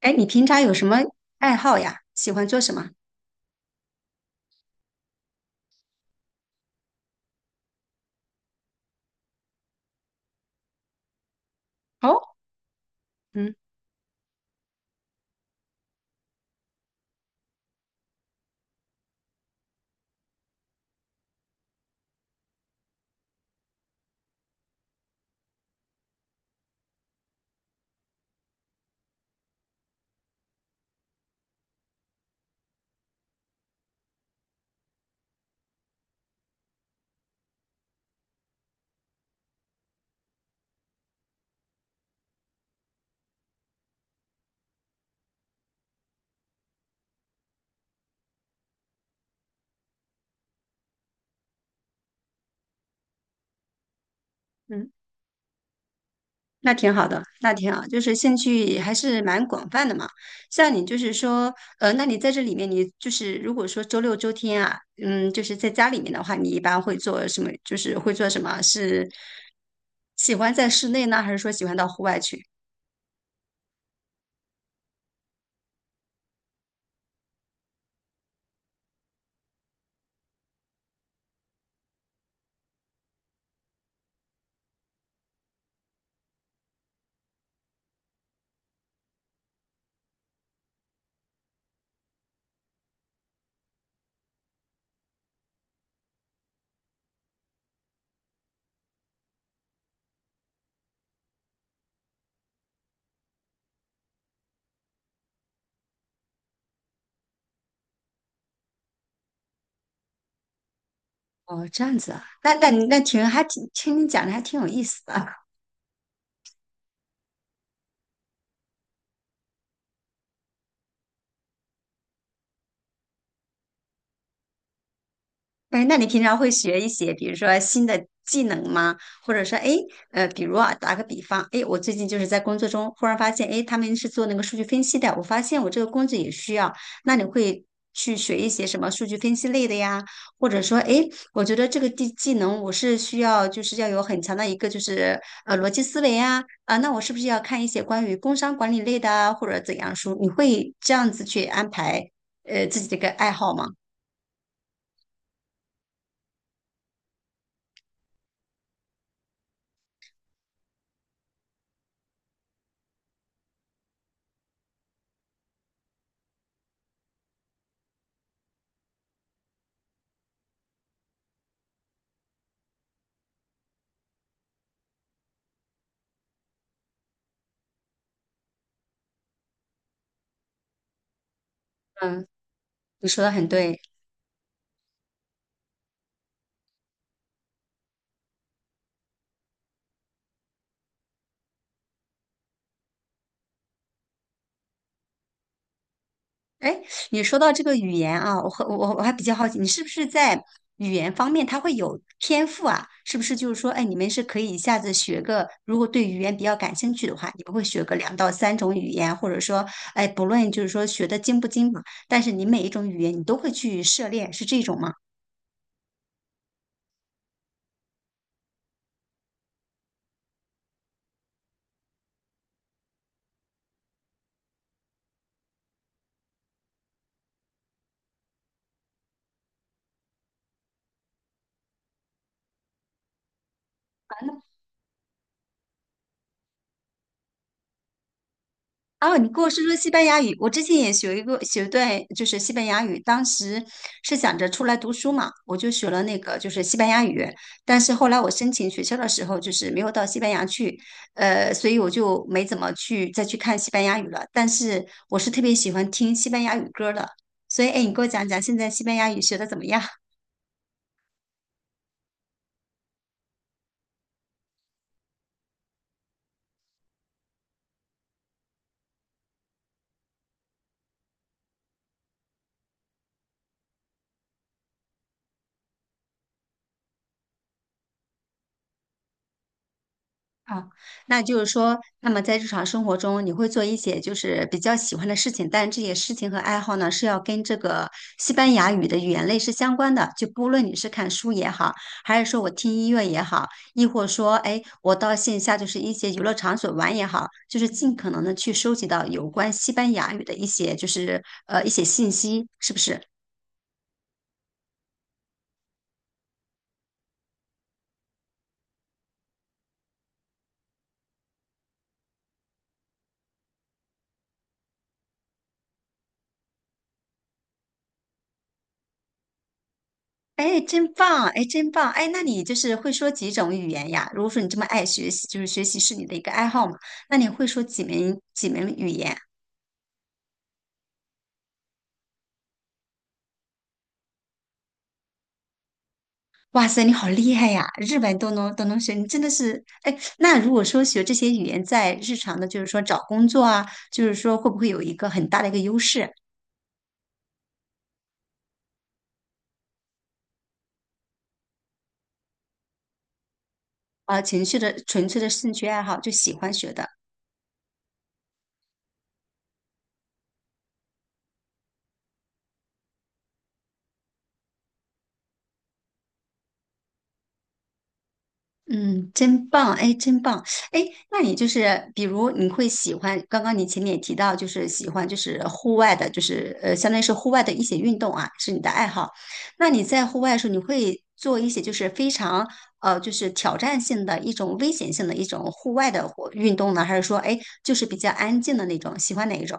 哎，你平常有什么爱好呀？喜欢做什么？哦，嗯嗯，那挺好的，那挺好，就是兴趣还是蛮广泛的嘛。像你就是说，那你在这里面，你就是如果说周六周天啊，嗯，就是在家里面的话，你一般会做什么？就是会做什么？是喜欢在室内呢，还是说喜欢到户外去？哦，这样子啊，那你还挺听你讲的还挺有意思的。哎，那你平常会学一些，比如说新的技能吗？或者说，哎，比如啊，打个比方，哎，我最近就是在工作中忽然发现，哎，他们是做那个数据分析的，我发现我这个工作也需要，那你会去学一些什么数据分析类的呀？或者说，哎，我觉得这个技能我是需要，就是要有很强的一个就是逻辑思维啊，啊，那我是不是要看一些关于工商管理类的啊，或者怎样书？你会这样子去安排自己的一个爱好吗？嗯，你说的很对。哎，你说到这个语言啊，我和我我还比较好奇，你是不是在语言方面他会有天赋啊？是不是就是说，哎，你们是可以一下子学个，如果对语言比较感兴趣的话，你们会学个两到三种语言，或者说，哎，不论就是说学的精不精嘛，但是你每一种语言你都会去涉猎，是这种吗？哦，你跟我说说西班牙语，我之前也学一个学对，就是西班牙语。当时是想着出来读书嘛，我就学了那个就是西班牙语。但是后来我申请学校的时候，就是没有到西班牙去，所以我就没怎么再去看西班牙语了。但是我是特别喜欢听西班牙语歌的，所以哎，你给我讲讲现在西班牙语学的怎么样？啊，那就是说，那么在日常生活中，你会做一些就是比较喜欢的事情，但这些事情和爱好呢，是要跟这个西班牙语的语言类是相关的。就不论你是看书也好，还是说我听音乐也好，亦或说，哎，我到线下就是一些娱乐场所玩也好，就是尽可能的去收集到有关西班牙语的一些就是一些信息，是不是？哎，真棒！哎，真棒！哎，那你就是会说几种语言呀？如果说你这么爱学习，就是学习是你的一个爱好嘛，那你会说几门语言？哇塞，你好厉害呀！日本都能学，你真的是哎。那如果说学这些语言，在日常的，就是说找工作啊，就是说会不会有一个很大的一个优势啊？情绪的纯粹的兴趣爱好，就喜欢学的。嗯，真棒，哎，真棒，哎，那你就是比如你会喜欢，刚刚你前面也提到，就是喜欢就是户外的，就是相当于是户外的一些运动啊，是你的爱好。那你在户外的时候，你会做一些就是非常就是挑战性的一种危险性的一种户外的活运动呢，还是说哎，就是比较安静的那种？喜欢哪一种？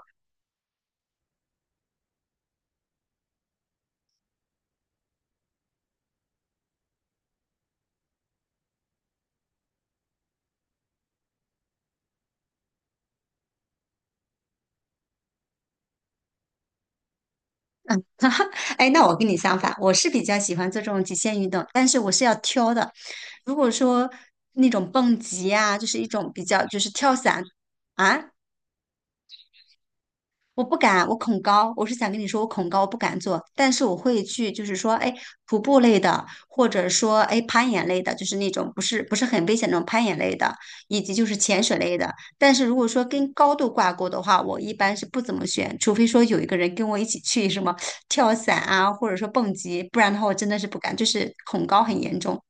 哈哈，哎，那我跟你相反，我是比较喜欢做这种极限运动，但是我是要挑的。如果说那种蹦极啊，就是一种比较就是跳伞啊，我不敢，我恐高。我是想跟你说，我恐高，我不敢做，但是我会去，就是说，哎，徒步类的，或者说哎攀岩类的，就是那种不是很危险那种攀岩类的，以及就是潜水类的。但是如果说跟高度挂钩的话，我一般是不怎么选，除非说有一个人跟我一起去什么 跳伞啊，或者说蹦极，不然的话我真的是不敢，就是恐高很严重。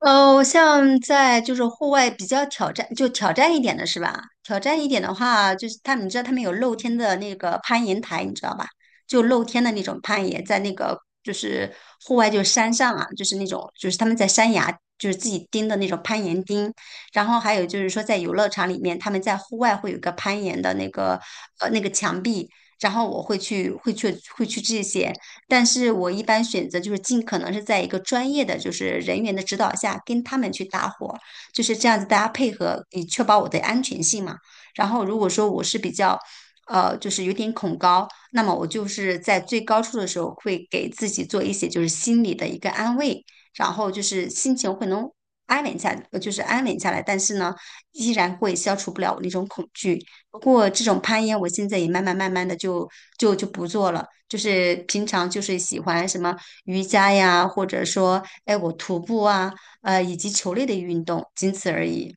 哦，像在就是户外比较挑战，就挑战一点的是吧？挑战一点的话，就是他们，你知道他们有露天的那个攀岩台，你知道吧？就露天的那种攀岩，在那个就是户外，就是山上啊，就是那种就是他们在山崖，就是自己钉的那种攀岩钉。然后还有就是说，在游乐场里面，他们在户外会有一个攀岩的那个墙壁。然后我会去这些，但是我一般选择就是尽可能是在一个专业的就是人员的指导下跟他们去搭伙，就是这样子大家配合，以确保我的安全性嘛。然后如果说我是比较。就是有点恐高，那么我就是在最高处的时候，会给自己做一些就是心理的一个安慰，然后就是心情会能安稳下，就是安稳下来，但是呢，依然会消除不了我那种恐惧。不过这种攀岩，我现在也慢慢慢慢的就不做了。就是平常就是喜欢什么瑜伽呀，或者说哎我徒步啊，以及球类的运动，仅此而已。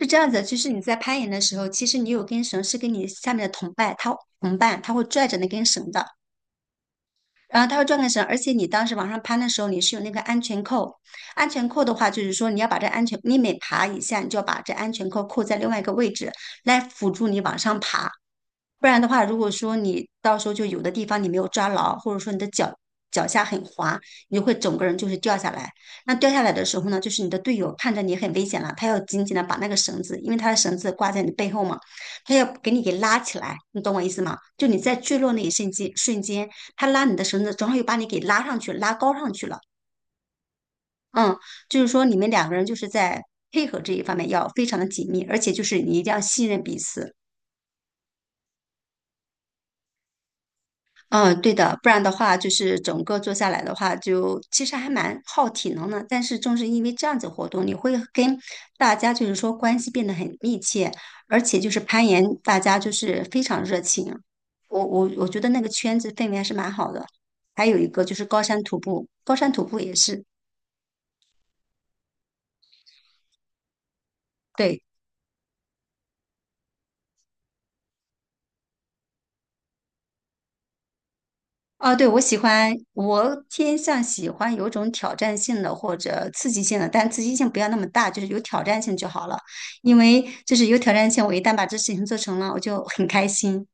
是这样子，就是你在攀岩的时候，其实你有根绳是跟你下面的同伴，同伴他会拽着那根绳的，然后他会拽根绳，而且你当时往上攀的时候，你是有那个安全扣。安全扣的话，就是说你要把这安全，你每爬一下，你就要把这安全扣扣在另外一个位置，来辅助你往上爬。不然的话，如果说你到时候就有的地方你没有抓牢，或者说你的脚脚下很滑，你就会整个人就是掉下来。那掉下来的时候呢，就是你的队友看着你很危险了，他要紧紧的把那个绳子，因为他的绳子挂在你背后嘛，他要给你给拉起来，你懂我意思吗？就你在坠落那一瞬间，瞬间他拉你的绳子，正好又把你给拉上去，拉高上去了。嗯，就是说你们两个人就是在配合这一方面要非常的紧密，而且就是你一定要信任彼此。嗯，对的，不然的话，就是整个做下来的话，就其实还蛮耗体能的。但是正是因为这样子活动，你会跟大家就是说关系变得很密切，而且就是攀岩，大家就是非常热情。我觉得那个圈子氛围还是蛮好的。还有一个就是高山徒步，高山徒步也是，对。啊，对，我喜欢，我偏向喜欢有种挑战性的或者刺激性的，但刺激性不要那么大，就是有挑战性就好了。因为就是有挑战性，我一旦把这事情做成了，我就很开心。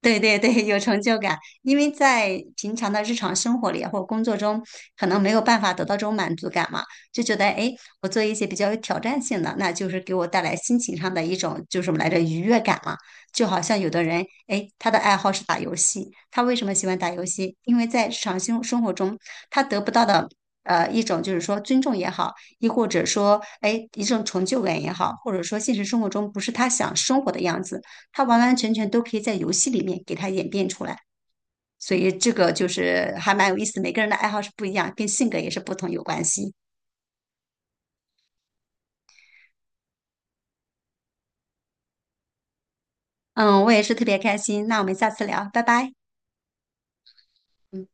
对对对，有成就感，因为在平常的日常生活里啊或者工作中，可能没有办法得到这种满足感嘛，就觉得哎，诶我做一些比较有挑战性的，那就是给我带来心情上的一种就是什么来着愉悦感嘛。就好像有的人，哎，他的爱好是打游戏，他为什么喜欢打游戏？因为在日常生活中，他得不到的一种就是说尊重也好，亦或者说哎一种成就感也好，或者说现实生活中不是他想生活的样子。它完完全全都可以在游戏里面给它演变出来。所以这个就是还蛮有意思，每个人的爱好是不一样，跟性格也是不同有关系。嗯，我也是特别开心，那我们下次聊，拜拜。嗯。